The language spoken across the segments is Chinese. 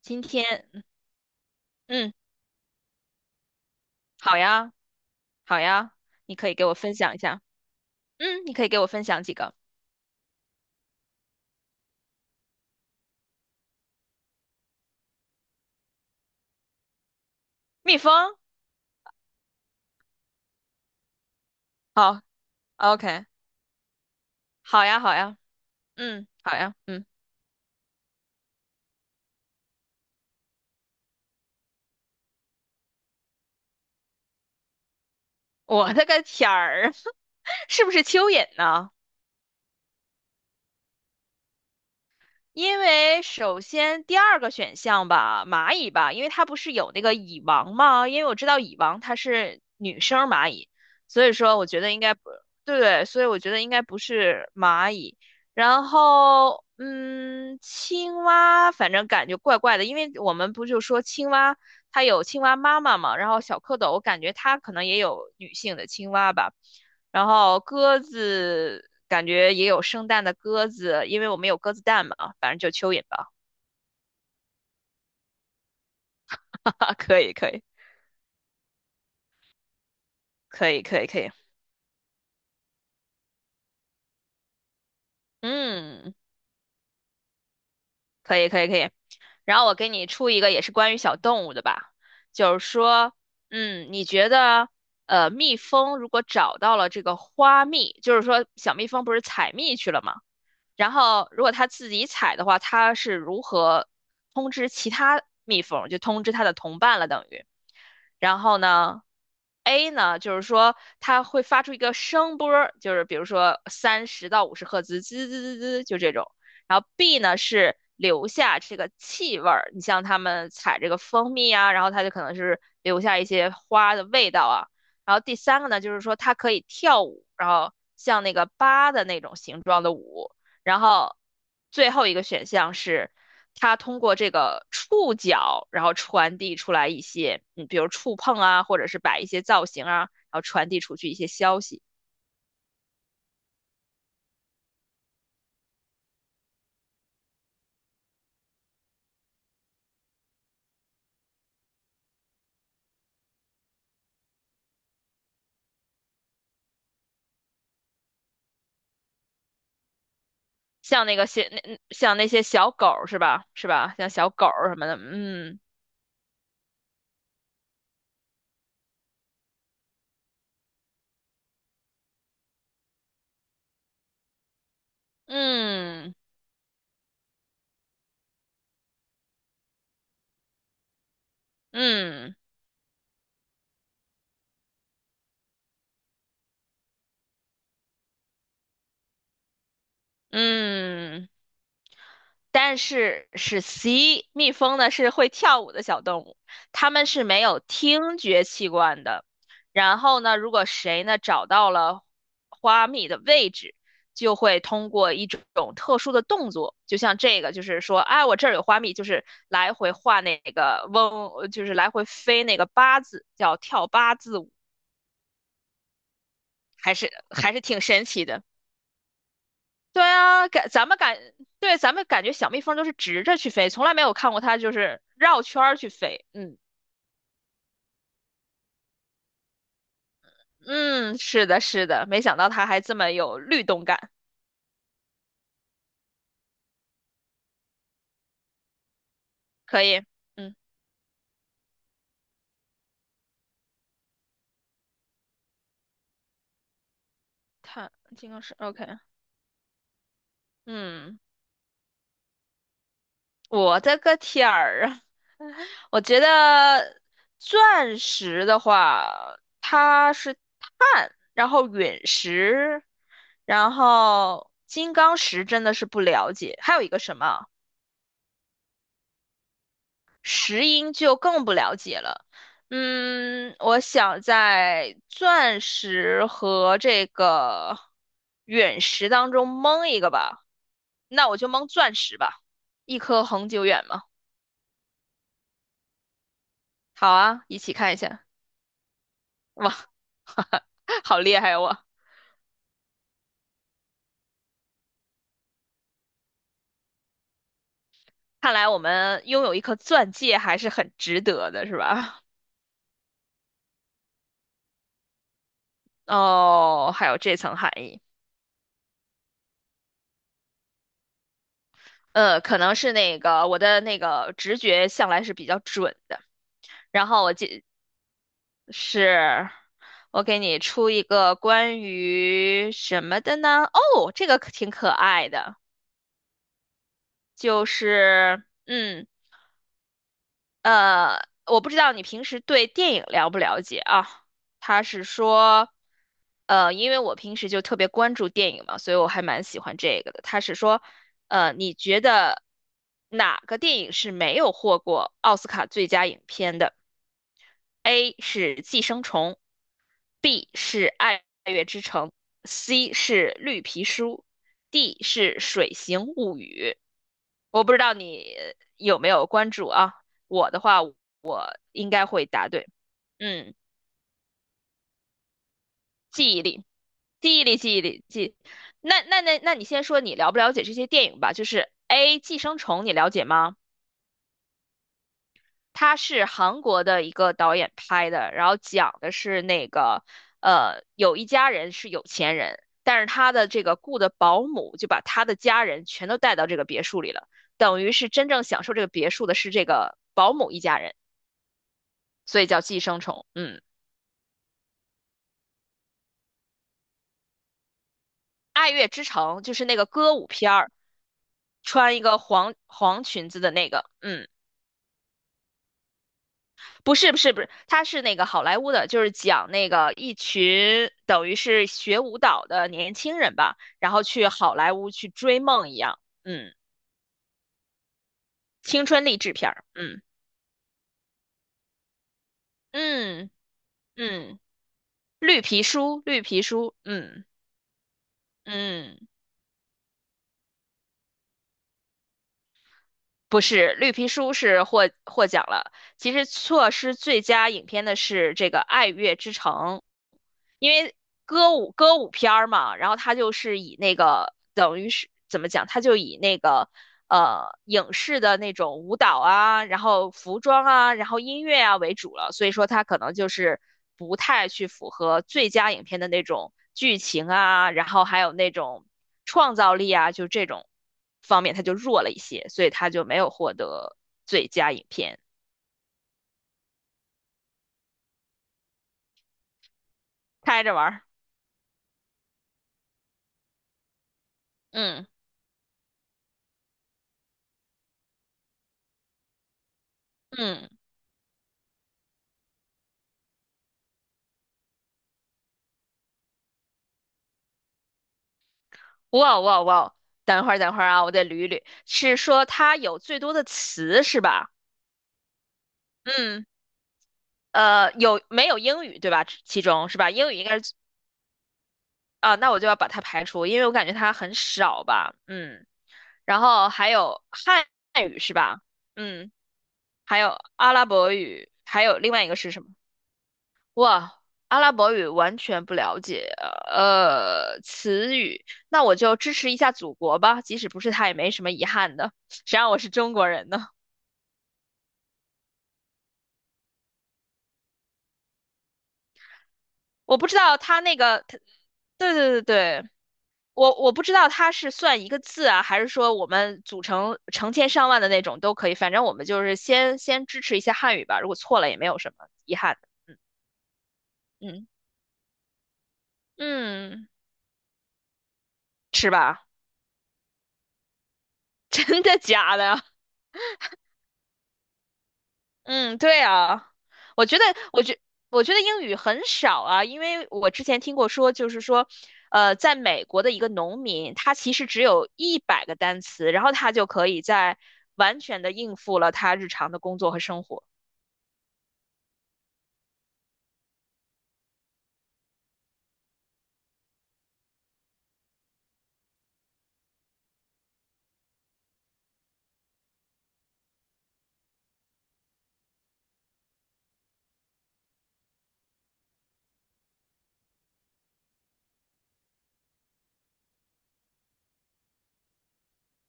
今天，嗯，好呀，好呀，你可以给我分享一下。嗯，你可以给我分享几个蜜蜂。好，OK，好呀，好呀，嗯，好呀，嗯，我的个天儿，是不是蚯蚓呢？因为首先第二个选项吧，蚂蚁吧，因为它不是有那个蚁王吗？因为我知道蚁王它是女生蚂蚁，所以说我觉得应该不，对对，所以我觉得应该不是蚂蚁。然后，青蛙反正感觉怪怪的，因为我们不就说青蛙它有青蛙妈妈嘛，然后小蝌蚪，我感觉它可能也有女性的青蛙吧。然后鸽子感觉也有生蛋的鸽子，因为我们有鸽子蛋嘛，啊，反正就蚯蚓吧。哈哈，可以，可以，可以，可以，可以，嗯，可以，可以，可以。然后我给你出一个也是关于小动物的吧，就是说，嗯，你觉得，蜜蜂如果找到了这个花蜜，就是说小蜜蜂不是采蜜去了吗？然后如果它自己采的话，它是如何通知其他蜜蜂，就通知它的同伴了，等于。然后呢，A 呢，就是说它会发出一个声波儿，就是比如说30到50赫兹，滋滋滋滋，就这种。然后 B 呢是留下这个气味儿，你像他们采这个蜂蜜啊，然后它就可能是留下一些花的味道啊。然后第三个呢，就是说它可以跳舞，然后像那个八的那种形状的舞。然后最后一个选项是，它通过这个触角，然后传递出来一些，嗯，比如触碰啊，或者是摆一些造型啊，然后传递出去一些消息。像那个小那像那些小狗儿是吧？是吧？像小狗儿什么的，嗯嗯嗯嗯，但是是 C，蜜蜂呢是会跳舞的小动物，它们是没有听觉器官的。然后呢，如果谁呢找到了花蜜的位置，就会通过一种特殊的动作，就像这个，就是说，哎，我这儿有花蜜，就是来回画那个嗡，就是来回飞那个八字，叫跳八字舞，还是挺神奇的。对啊，感咱们感对咱们感觉小蜜蜂都是直着去飞，从来没有看过它就是绕圈儿去飞。嗯，嗯，是的，是的，没想到它还这么有律动感，可以。嗯，它金刚石 OK。嗯，我的个天儿啊！我觉得钻石的话，它是碳，然后陨石，然后金刚石真的是不了解，还有一个什么？石英就更不了解了。嗯，我想在钻石和这个陨石当中蒙一个吧，那我就蒙钻石吧，一颗恒久远嘛。好啊，一起看一下。哇，好厉害我！看来我们拥有一颗钻戒还是很值得的，是吧？哦，还有这层含义。可能是那个我的那个直觉向来是比较准的，然后我就是，我给你出一个关于什么的呢？哦，这个可挺可爱的，就是我不知道你平时对电影了不了解啊？他是说，因为我平时就特别关注电影嘛，所以我还蛮喜欢这个的。他是说，你觉得哪个电影是没有获过奥斯卡最佳影片的？A 是《寄生虫》，B 是爱乐之城，C 是绿皮书，D 是水形物语。我不知道你有没有关注啊，我的话我应该会答对。嗯，记忆力，记忆力，记忆力，记。那你先说你了不了解这些电影吧？就是 A《寄生虫》，你了解吗？他是韩国的一个导演拍的，然后讲的是那个，有一家人是有钱人，但是他的这个雇的保姆就把他的家人全都带到这个别墅里了，等于是真正享受这个别墅的是这个保姆一家人，所以叫寄生虫。嗯，《爱乐之城》就是那个歌舞片儿，穿一个黄黄裙子的那个，嗯。不是不是不是，他是那个好莱坞的，就是讲那个一群等于是学舞蹈的年轻人吧，然后去好莱坞去追梦一样，嗯，青春励志片儿，嗯嗯嗯，绿皮书绿皮书，嗯嗯，不是绿皮书是获奖了，其实错失最佳影片的是这个《爱乐之城》，因为歌舞片儿嘛，然后他就是以那个等于是怎么讲，他就以那个影视的那种舞蹈啊，然后服装啊，然后音乐啊为主了，所以说他可能就是不太去符合最佳影片的那种剧情啊，然后还有那种创造力啊，就这种方面他就弱了一些，所以他就没有获得最佳影片，开着玩儿，嗯嗯。哇哇哇！等会儿等会儿啊，我得捋一捋，是说它有最多的词是吧？嗯，有没有英语对吧？其中是吧？英语应该是啊，那我就要把它排除，因为我感觉它很少吧。嗯，然后还有汉语是吧？嗯，还有阿拉伯语，还有另外一个是什么？哇，阿拉伯语完全不了解，词语，那我就支持一下祖国吧，即使不是他也没什么遗憾的，谁让我是中国人呢？我不知道它那个，它对对对对，我不知道它是算一个字啊，还是说我们组成成千上万的那种都可以，反正我们就是先支持一下汉语吧，如果错了也没有什么遗憾的。嗯嗯，是吧？真的假的？嗯，对啊，我觉得，我觉，我觉得英语很少啊，因为我之前听过说，就是说，在美国的一个农民，他其实只有100个单词，然后他就可以在完全的应付了他日常的工作和生活。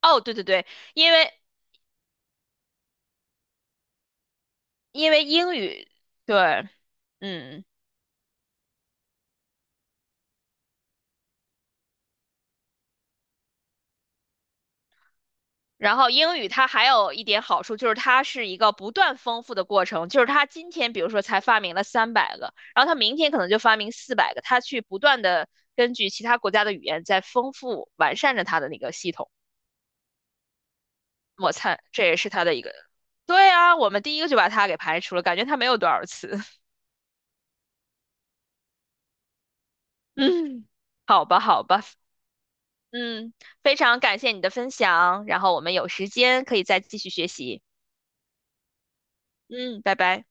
哦，对对对，因为英语，对，嗯。然后英语它还有一点好处，就是它是一个不断丰富的过程，就是它今天比如说才发明了300个，然后它明天可能就发明400个，它去不断的根据其他国家的语言在丰富完善着它的那个系统。我猜这也是它的一个，对啊，我们第一个就把它给排除了，感觉它没有多少词。嗯，好吧，好吧，嗯，非常感谢你的分享，然后我们有时间可以再继续学习。嗯，拜拜。